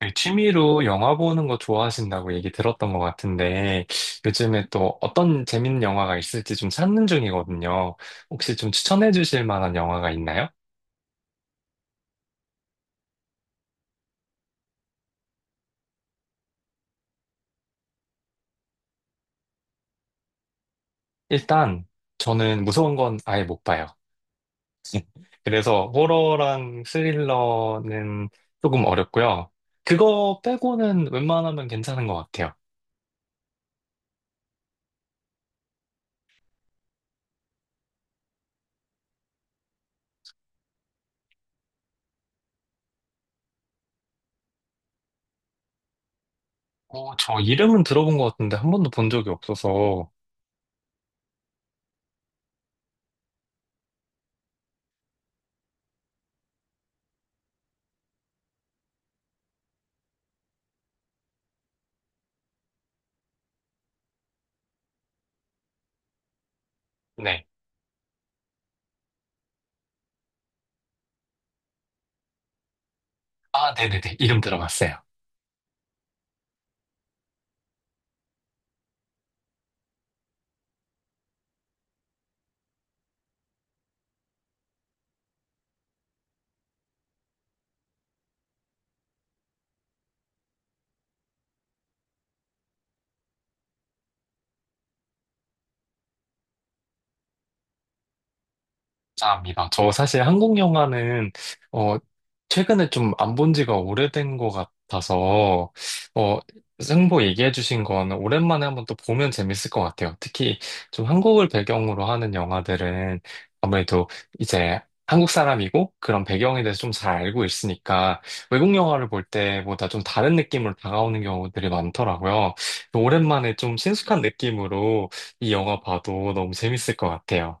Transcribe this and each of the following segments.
그 취미로 영화 보는 거 좋아하신다고 얘기 들었던 것 같은데, 요즘에 또 어떤 재밌는 영화가 있을지 좀 찾는 중이거든요. 혹시 좀 추천해 주실 만한 영화가 있나요? 일단, 저는 무서운 건 아예 못 봐요. 그래서 호러랑 스릴러는 조금 어렵고요. 그거 빼고는 웬만하면 괜찮은 것 같아요. 저 이름은 들어본 것 같은데 한 번도 본 적이 없어서, 네. 아, 네네네. 이름 들어봤어요. 감사합니다. 저 사실 한국 영화는 어 최근에 좀 안 본 지가 오래된 것 같아서 어 승보 얘기해 주신 건 오랜만에 한번 또 보면 재밌을 것 같아요. 특히 좀 한국을 배경으로 하는 영화들은 아무래도 이제 한국 사람이고 그런 배경에 대해서 좀 잘 알고 있으니까 외국 영화를 볼 때보다 좀 다른 느낌으로 다가오는 경우들이 많더라고요. 오랜만에 좀 친숙한 느낌으로 이 영화 봐도 너무 재밌을 것 같아요.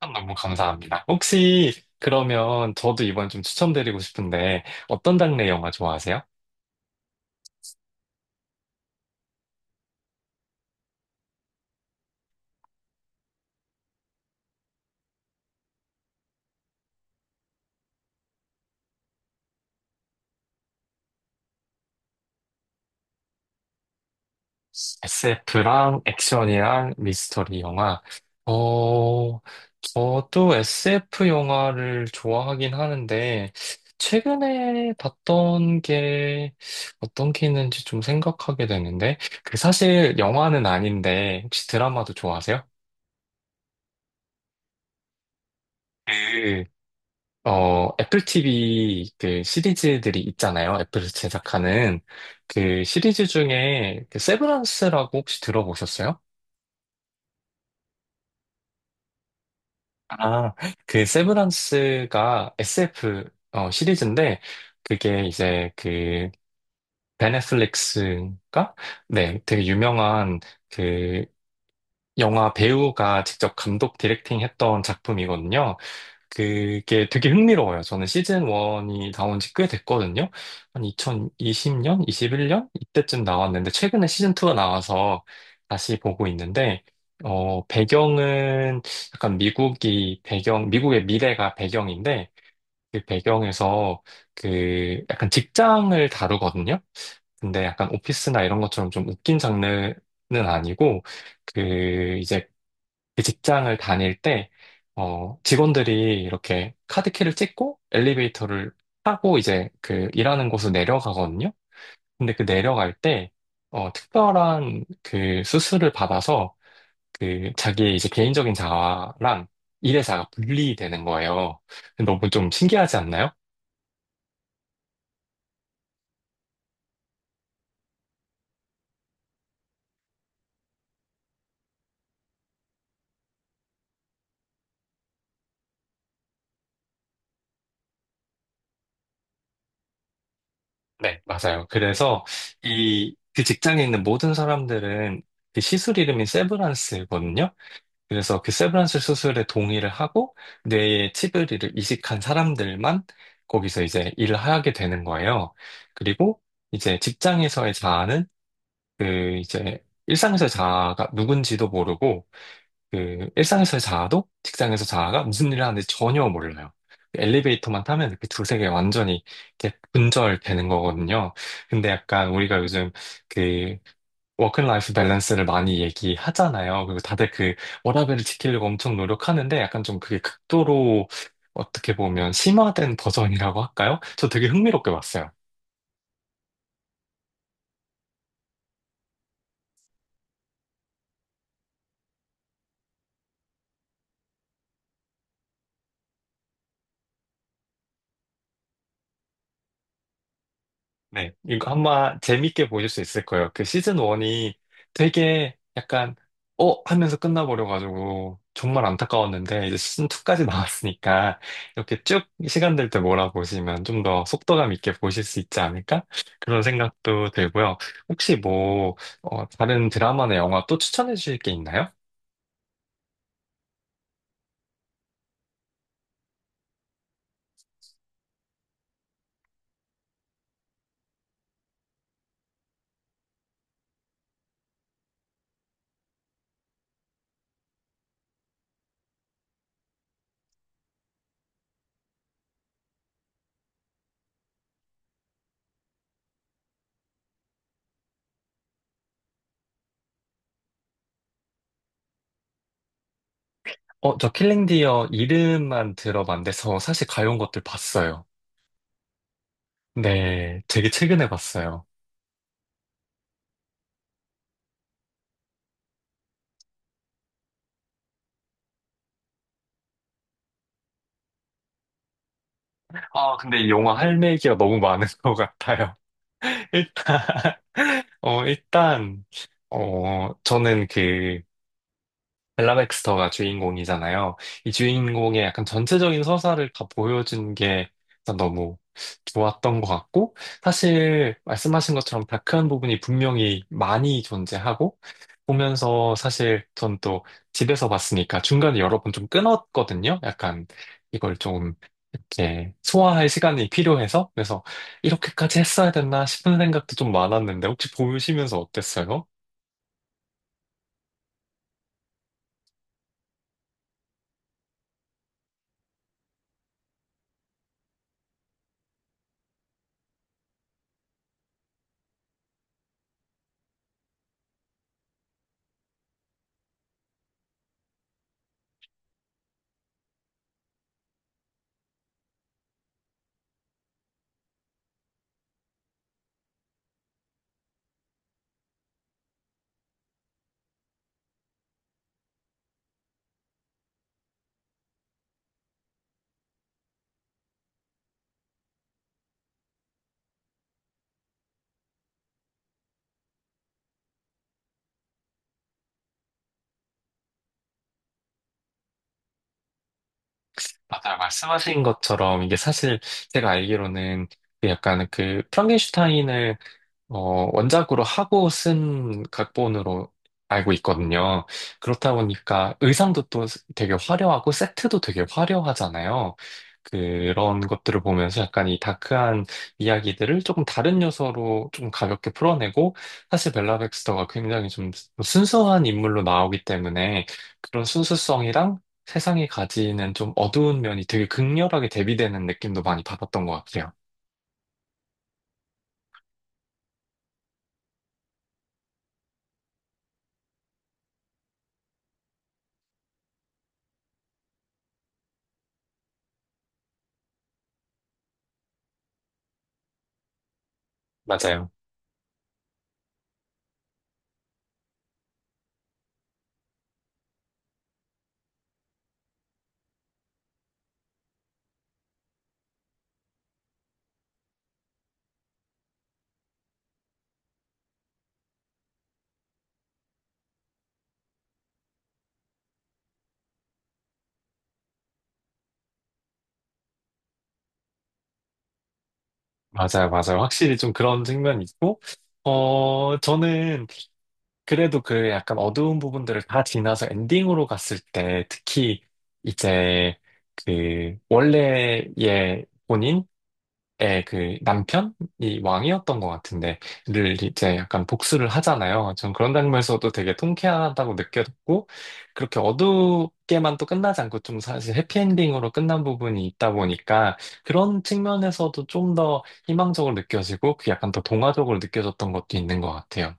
너무 감사합니다. 혹시 그러면 저도 이번에 좀 추천드리고 싶은데 어떤 장르의 영화 좋아하세요? SF랑 액션이랑 미스터리 영화. 어, 저도 SF 영화를 좋아하긴 하는데 최근에 봤던 게 어떤 게 있는지 좀 생각하게 되는데 그 사실 영화는 아닌데 혹시 드라마도 좋아하세요? 그 애플 TV 그 시리즈들이 있잖아요. 애플이 제작하는 그 시리즈 중에 그 세브란스라고 혹시 들어보셨어요? 아, 그 세브란스가 SF 시리즈인데 그게 이제 그 베네플릭스가 네, 되게 유명한 그 영화 배우가 직접 감독 디렉팅 했던 작품이거든요. 그게 되게 흥미로워요. 저는 시즌 1이 나온 지 꽤 됐거든요. 한 2020년, 21년 이때쯤 나왔는데 최근에 시즌 2가 나와서 다시 보고 있는데 배경은 약간 미국이 배경, 미국의 미래가 배경인데 그 배경에서 그 약간 직장을 다루거든요. 근데 약간 오피스나 이런 것처럼 좀 웃긴 장르는 아니고, 그, 이제 그 직장을 다닐 때, 직원들이 이렇게 카드키를 찍고 엘리베이터를 타고 이제 그 일하는 곳으로 내려가거든요. 근데 그 내려갈 때, 특별한 그 수술을 받아서 그 자기의 이제 개인적인 자아랑 일의 자아가 분리되는 거예요. 너무 좀 신기하지 않나요? 네, 맞아요. 그래서 이 그 직장에 있는 모든 사람들은 그 시술 이름이 세브란스거든요. 그래서 그 세브란스 수술에 동의를 하고 뇌에 치을리를 이식한 사람들만 거기서 이제 일을 하게 되는 거예요. 그리고 이제 직장에서의 자아는 그 이제 일상에서의 자아가 누군지도 모르고 그 일상에서의 자아도 직장에서 자아가 무슨 일을 하는지 전혀 몰라요. 그 엘리베이터만 타면 이렇게 두세 개 완전히 이렇게 분절되는 거거든요. 근데 약간 우리가 요즘 그 워크라이프 밸런스를 많이 얘기하잖아요. 그리고 다들 그 워라밸을 지키려고 엄청 노력하는데 약간 좀 그게 극도로 어떻게 보면 심화된 버전이라고 할까요? 저 되게 흥미롭게 봤어요. 네, 이거 아마 재밌게 보실 수 있을 거예요. 그 시즌 1이 되게 약간, 어? 하면서 끝나버려가지고, 정말 안타까웠는데, 이제 시즌 2까지 나왔으니까, 이렇게 쭉 시간 될 때 몰아보시면 좀 더 속도감 있게 보실 수 있지 않을까? 그런 생각도 들고요. 혹시 뭐, 다른 드라마나 영화 또 추천해 주실 게 있나요? 저 킬링 디어 이름만 들어봤는데, 저 사실 가요 온 것들 봤어요. 네, 되게 최근에 봤어요. 아, 근데 이 영화 할 얘기가 너무 많은 것 같아요. 일단, 어, 일단, 저는 그, 벨라 백스터가 주인공이잖아요. 이 주인공의 약간 전체적인 서사를 다 보여준 게 일단 너무 좋았던 것 같고, 사실 말씀하신 것처럼 다크한 부분이 분명히 많이 존재하고, 보면서 사실 전 또 집에서 봤으니까 중간에 여러 번 좀 끊었거든요. 약간 이걸 좀 이렇게 소화할 시간이 필요해서. 그래서 이렇게까지 했어야 됐나 싶은 생각도 좀 많았는데, 혹시 보시면서 어땠어요? 맞아요. 말씀하신 것처럼 이게 사실 제가 알기로는 그 약간 그 프랑켄슈타인을 원작으로 하고 쓴 각본으로 알고 있거든요. 그렇다 보니까 의상도 또 되게 화려하고 세트도 되게 화려하잖아요. 그런 것들을 보면서 약간 이 다크한 이야기들을 조금 다른 요소로 좀 가볍게 풀어내고 사실 벨라 백스터가 굉장히 좀 순수한 인물로 나오기 때문에 그런 순수성이랑 세상이 가지는 좀 어두운 면이 되게 극렬하게 대비되는 느낌도 많이 받았던 것 같아요. 맞아요. 맞아요, 맞아요. 확실히 좀 그런 측면이 있고, 저는 그래도 그 약간 어두운 부분들을 다 지나서 엔딩으로 갔을 때, 특히 이제 그 원래의 본인? 에, 그 남편이 왕이었던 것 같은데, 를 이제 약간 복수를 하잖아요. 전 그런 장면에서도 되게 통쾌하다고 느꼈고, 그렇게 어둡게만 또 끝나지 않고 좀 사실 해피엔딩으로 끝난 부분이 있다 보니까, 그런 측면에서도 좀 더 희망적으로 느껴지고, 그 약간 더 동화적으로 느껴졌던 것도 있는 것 같아요.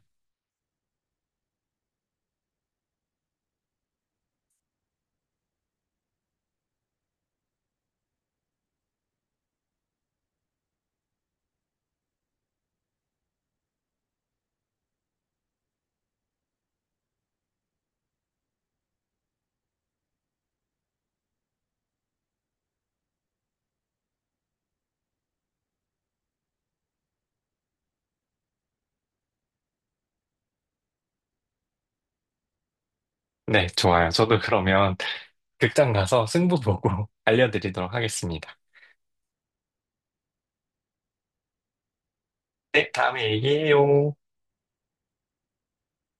네, 좋아요. 저도 그러면 극장 가서 승부 보고 알려드리도록 하겠습니다. 네, 다음에 얘기해요.